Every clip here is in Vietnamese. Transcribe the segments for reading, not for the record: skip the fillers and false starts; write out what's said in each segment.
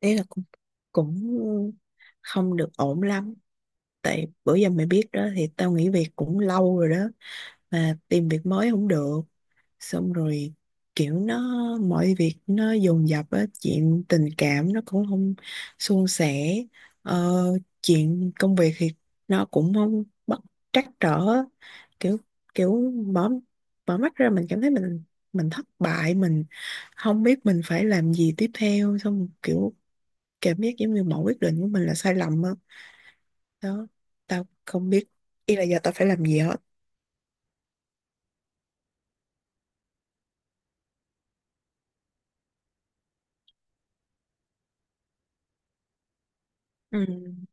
Đấy là cũng cũng không được ổn lắm. Tại bữa giờ mày biết đó, thì tao nghỉ việc cũng lâu rồi đó, mà tìm việc mới không được. Xong rồi kiểu nó, mọi việc nó dồn dập á, chuyện tình cảm nó cũng không suôn sẻ, ờ, chuyện công việc thì nó cũng không bất trắc trở. Kiểu kiểu mở mở mắt ra mình cảm thấy mình thất bại, mình không biết mình phải làm gì tiếp theo, xong kiểu cảm giác giống như mọi quyết định của mình là sai lầm á. Đó, tao không biết ý là giờ tao phải làm gì hết. Ừ.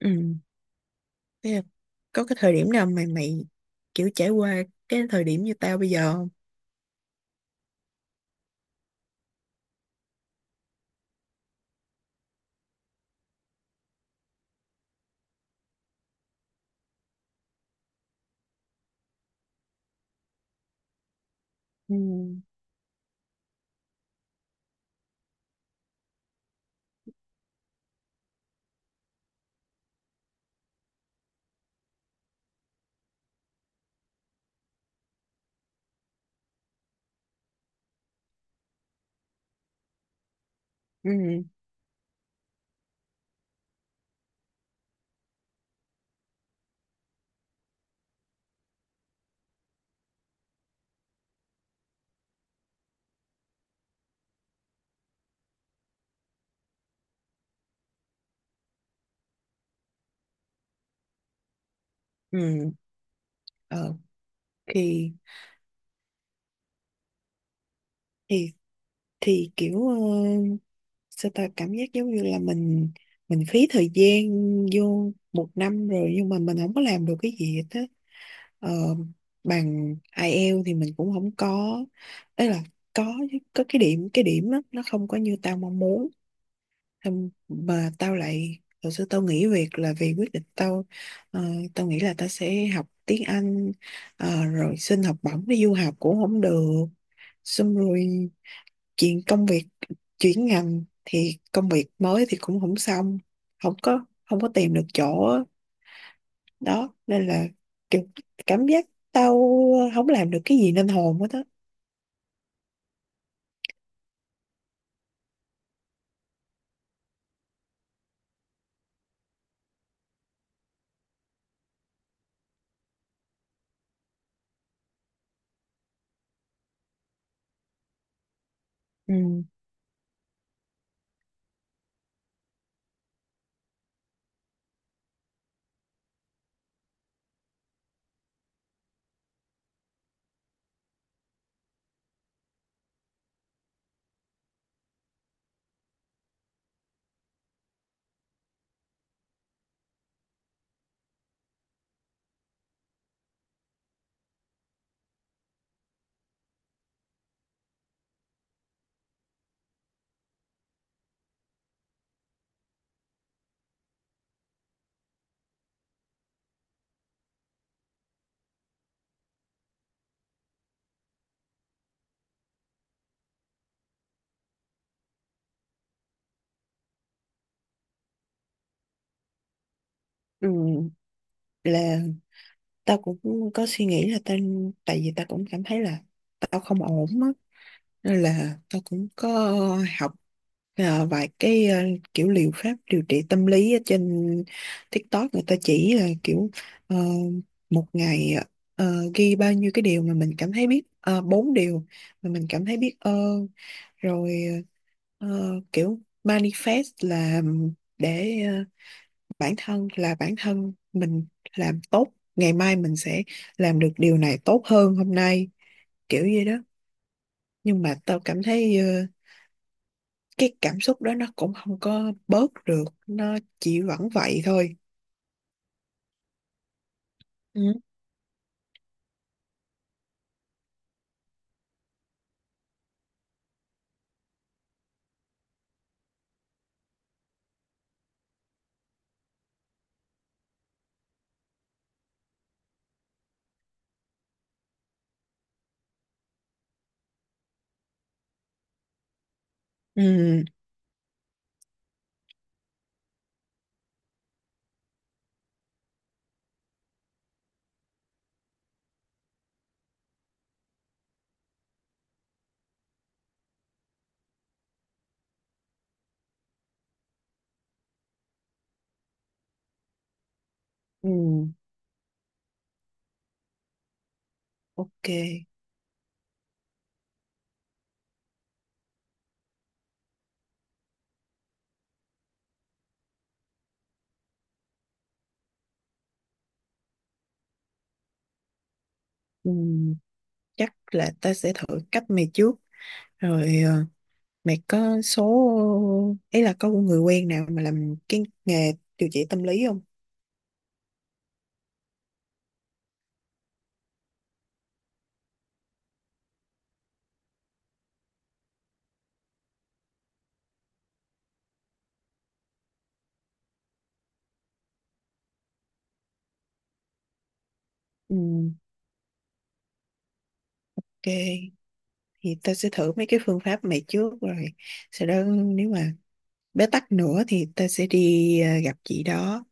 Ừ, thế là có cái thời điểm nào mà mày kiểu trải qua cái thời điểm như tao bây giờ không? Ừ. Ừ. Ừ. ờ thì thì thì kiểu sao ta cảm giác giống như là mình phí thời gian vô 1 năm rồi, nhưng mà mình không có làm được cái gì hết á. Ờ, Bằng IELTS thì mình cũng không có, ấy là có chứ, có cái điểm, đó nó không có như tao mong muốn. Xong mà tao lại, hồi xưa tao nghỉ việc là vì quyết định tao, ờ, tao nghĩ là tao sẽ học tiếng Anh, rồi xin học bổng đi du học cũng không được. Xong rồi chuyện công việc, chuyển ngành thì công việc mới thì cũng không xong, không có tìm được chỗ á. Đó nên là kiểu cảm giác tao không làm được cái gì nên hồn hết á. Ừ. Ừ, là tao cũng có suy nghĩ là tao, tại vì tao cũng cảm thấy là tao không ổn á, nên là tao cũng có học, vài cái, kiểu liệu pháp điều trị tâm lý ở trên TikTok. Người ta chỉ là kiểu ờ, một ngày ghi bao nhiêu cái điều mà mình cảm thấy biết, bốn điều mà mình cảm thấy biết ơn. Rồi ờ, kiểu manifest là, để bản thân là bản thân mình làm tốt, ngày mai mình sẽ làm được điều này tốt hơn hôm nay, kiểu gì đó. Nhưng mà tao cảm thấy cái cảm xúc đó nó cũng không có bớt được, nó chỉ vẫn vậy thôi. Ừ. Ừ. Ừ. Ok. Ừ, chắc là ta sẽ thử cách mày trước rồi. Ờ, Mày có số, ấy là có người quen nào mà làm cái nghề điều trị tâm lý không? Ừ, ok, thì ta sẽ thử mấy cái phương pháp mày trước, rồi sau đó nếu mà bế tắc nữa thì ta sẽ đi gặp chị đó.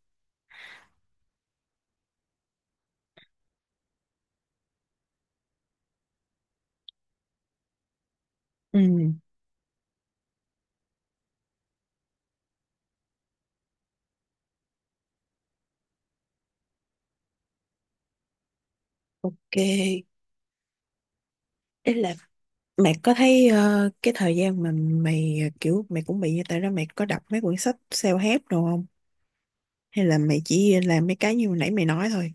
Ừ, ok. Đấy là mày có thấy cái thời gian mà mày kiểu mày cũng bị như tao đó, mày có đọc mấy quyển sách self-help đồ không? Hay là mày chỉ làm mấy cái như hồi nãy mày nói thôi?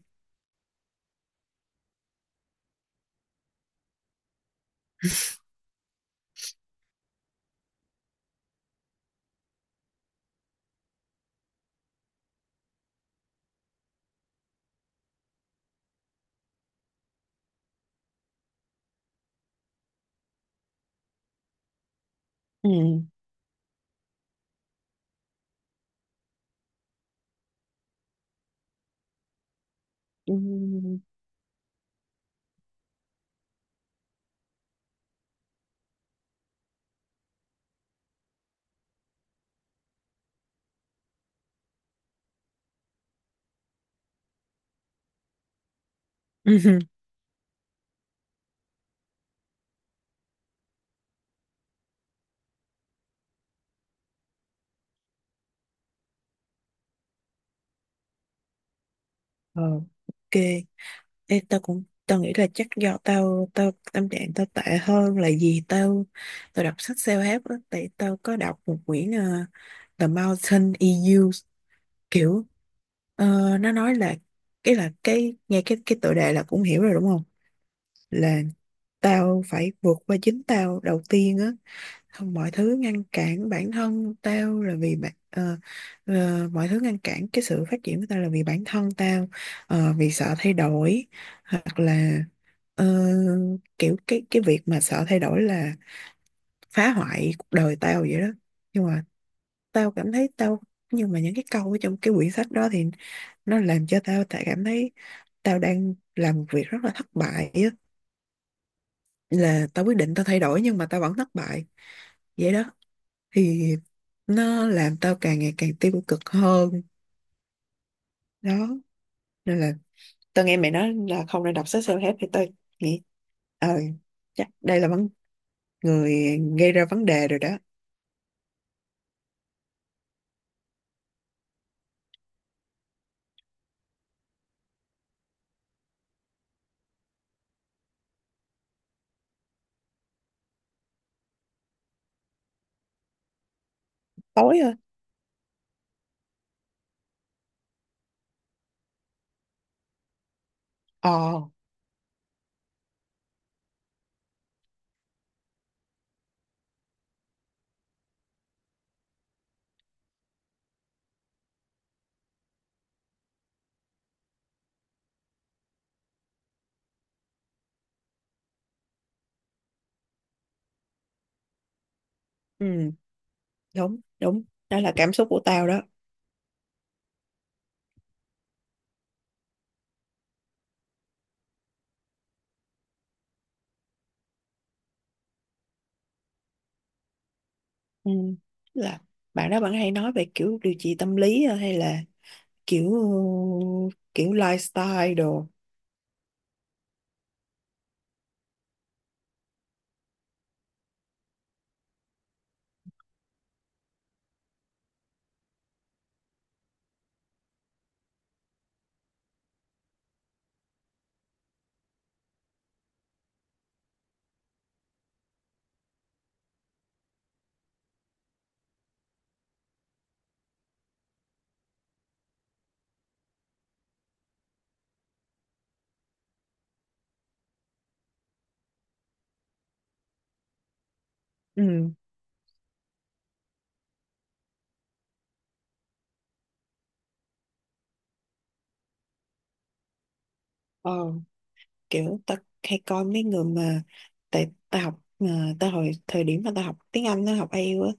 Ừ. Ừ. Ừ. Ờ, ok. Ê, tao cũng, tao nghĩ là chắc do tao tao tâm trạng tao tệ hơn là gì, tao tao đọc sách self-help á, tại tao có đọc một quyển The Mountain EU, kiểu ờ, nó nói là, cái là cái nghe cái tựa đề là cũng hiểu rồi đúng không? Là tao phải vượt qua chính tao đầu tiên á, không, mọi thứ ngăn cản bản thân tao là vì bạn, mọi thứ ngăn cản cái sự phát triển của tao là vì bản thân tao, vì sợ thay đổi, hoặc là ờ, kiểu cái việc mà sợ thay đổi là phá hoại cuộc đời tao vậy đó. Nhưng mà tao cảm thấy tao, nhưng mà những cái câu ở trong cái quyển sách đó thì nó làm cho tao tại cảm thấy tao đang làm một việc rất là thất bại á, là tao quyết định tao thay đổi nhưng mà tao vẫn thất bại vậy đó, thì nó làm tao càng ngày càng tiêu cực hơn đó. Nên là tao nghe mẹ nói là không nên đọc sách self-help, thì tao nghĩ ờ chắc đây là vấn, người gây ra vấn đề rồi đó. Tối ơi. ờ ừ, đúng đúng, đó là cảm xúc của tao đó. Ừ, là bạn đó bạn hay nói về kiểu điều trị tâm lý, hay là kiểu kiểu lifestyle đồ? Ừ. ờ Kiểu tao hay coi mấy người mà, tại tao học, ta hồi thời điểm mà tao học tiếng Anh tao học IELTS á,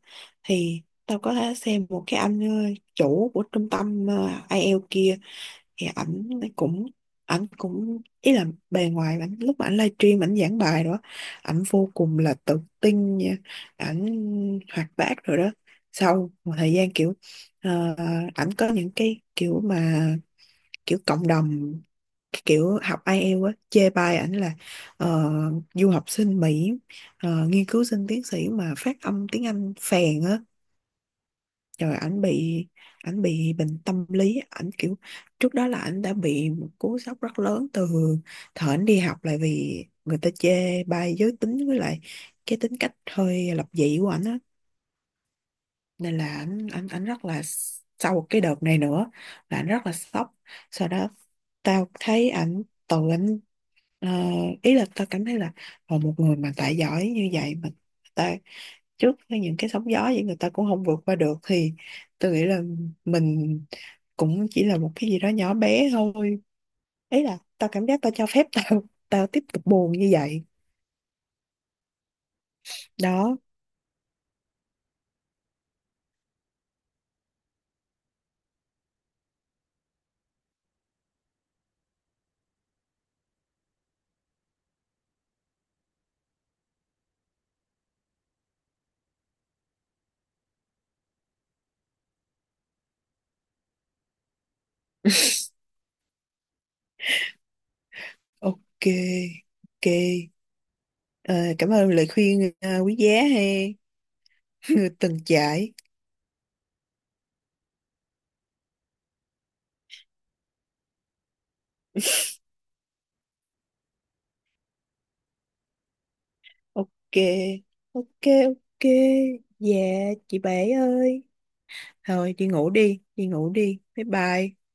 thì tao có thể xem một cái anh chủ của trung tâm IELTS kia, thì ảnh cũng, ý là bề ngoài ảnh lúc mà ảnh livestream ảnh giảng bài đó, ảnh vô cùng là tự tin nha, ảnh hoạt bát rồi đó. Sau một thời gian kiểu ờ, ảnh có những cái kiểu mà, kiểu cộng đồng cái kiểu học IELTS á chê bai ảnh là ờ, du học sinh Mỹ, nghiên cứu sinh tiến sĩ mà phát âm tiếng Anh phèn á. Rồi ảnh bị, bệnh tâm lý, ảnh kiểu, trước đó là ảnh đã bị một cú sốc rất lớn từ thời ảnh đi học, lại vì người ta chê bai giới tính với lại cái tính cách hơi lập dị của ảnh á. Nên là ảnh ảnh ảnh rất là, sau cái đợt này nữa là ảnh rất là sốc. Sau đó tao thấy ảnh tự ảnh. Ờ, Ý là tao cảm thấy là một người mà tài giỏi như vậy mà ta, trước với những cái sóng gió vậy người ta cũng không vượt qua được, thì tôi nghĩ là mình cũng chỉ là một cái gì đó nhỏ bé thôi. Ý là tao cảm giác tao cho phép tao tao tiếp tục buồn như vậy đó. Ok. Ok. Ờ, cảm ơn lời khuyên quý giá hay người từng trải. Ok. Ok. Ok. Dạ, chị bé ơi. Thôi đi ngủ đi, đi ngủ đi. Bye bye.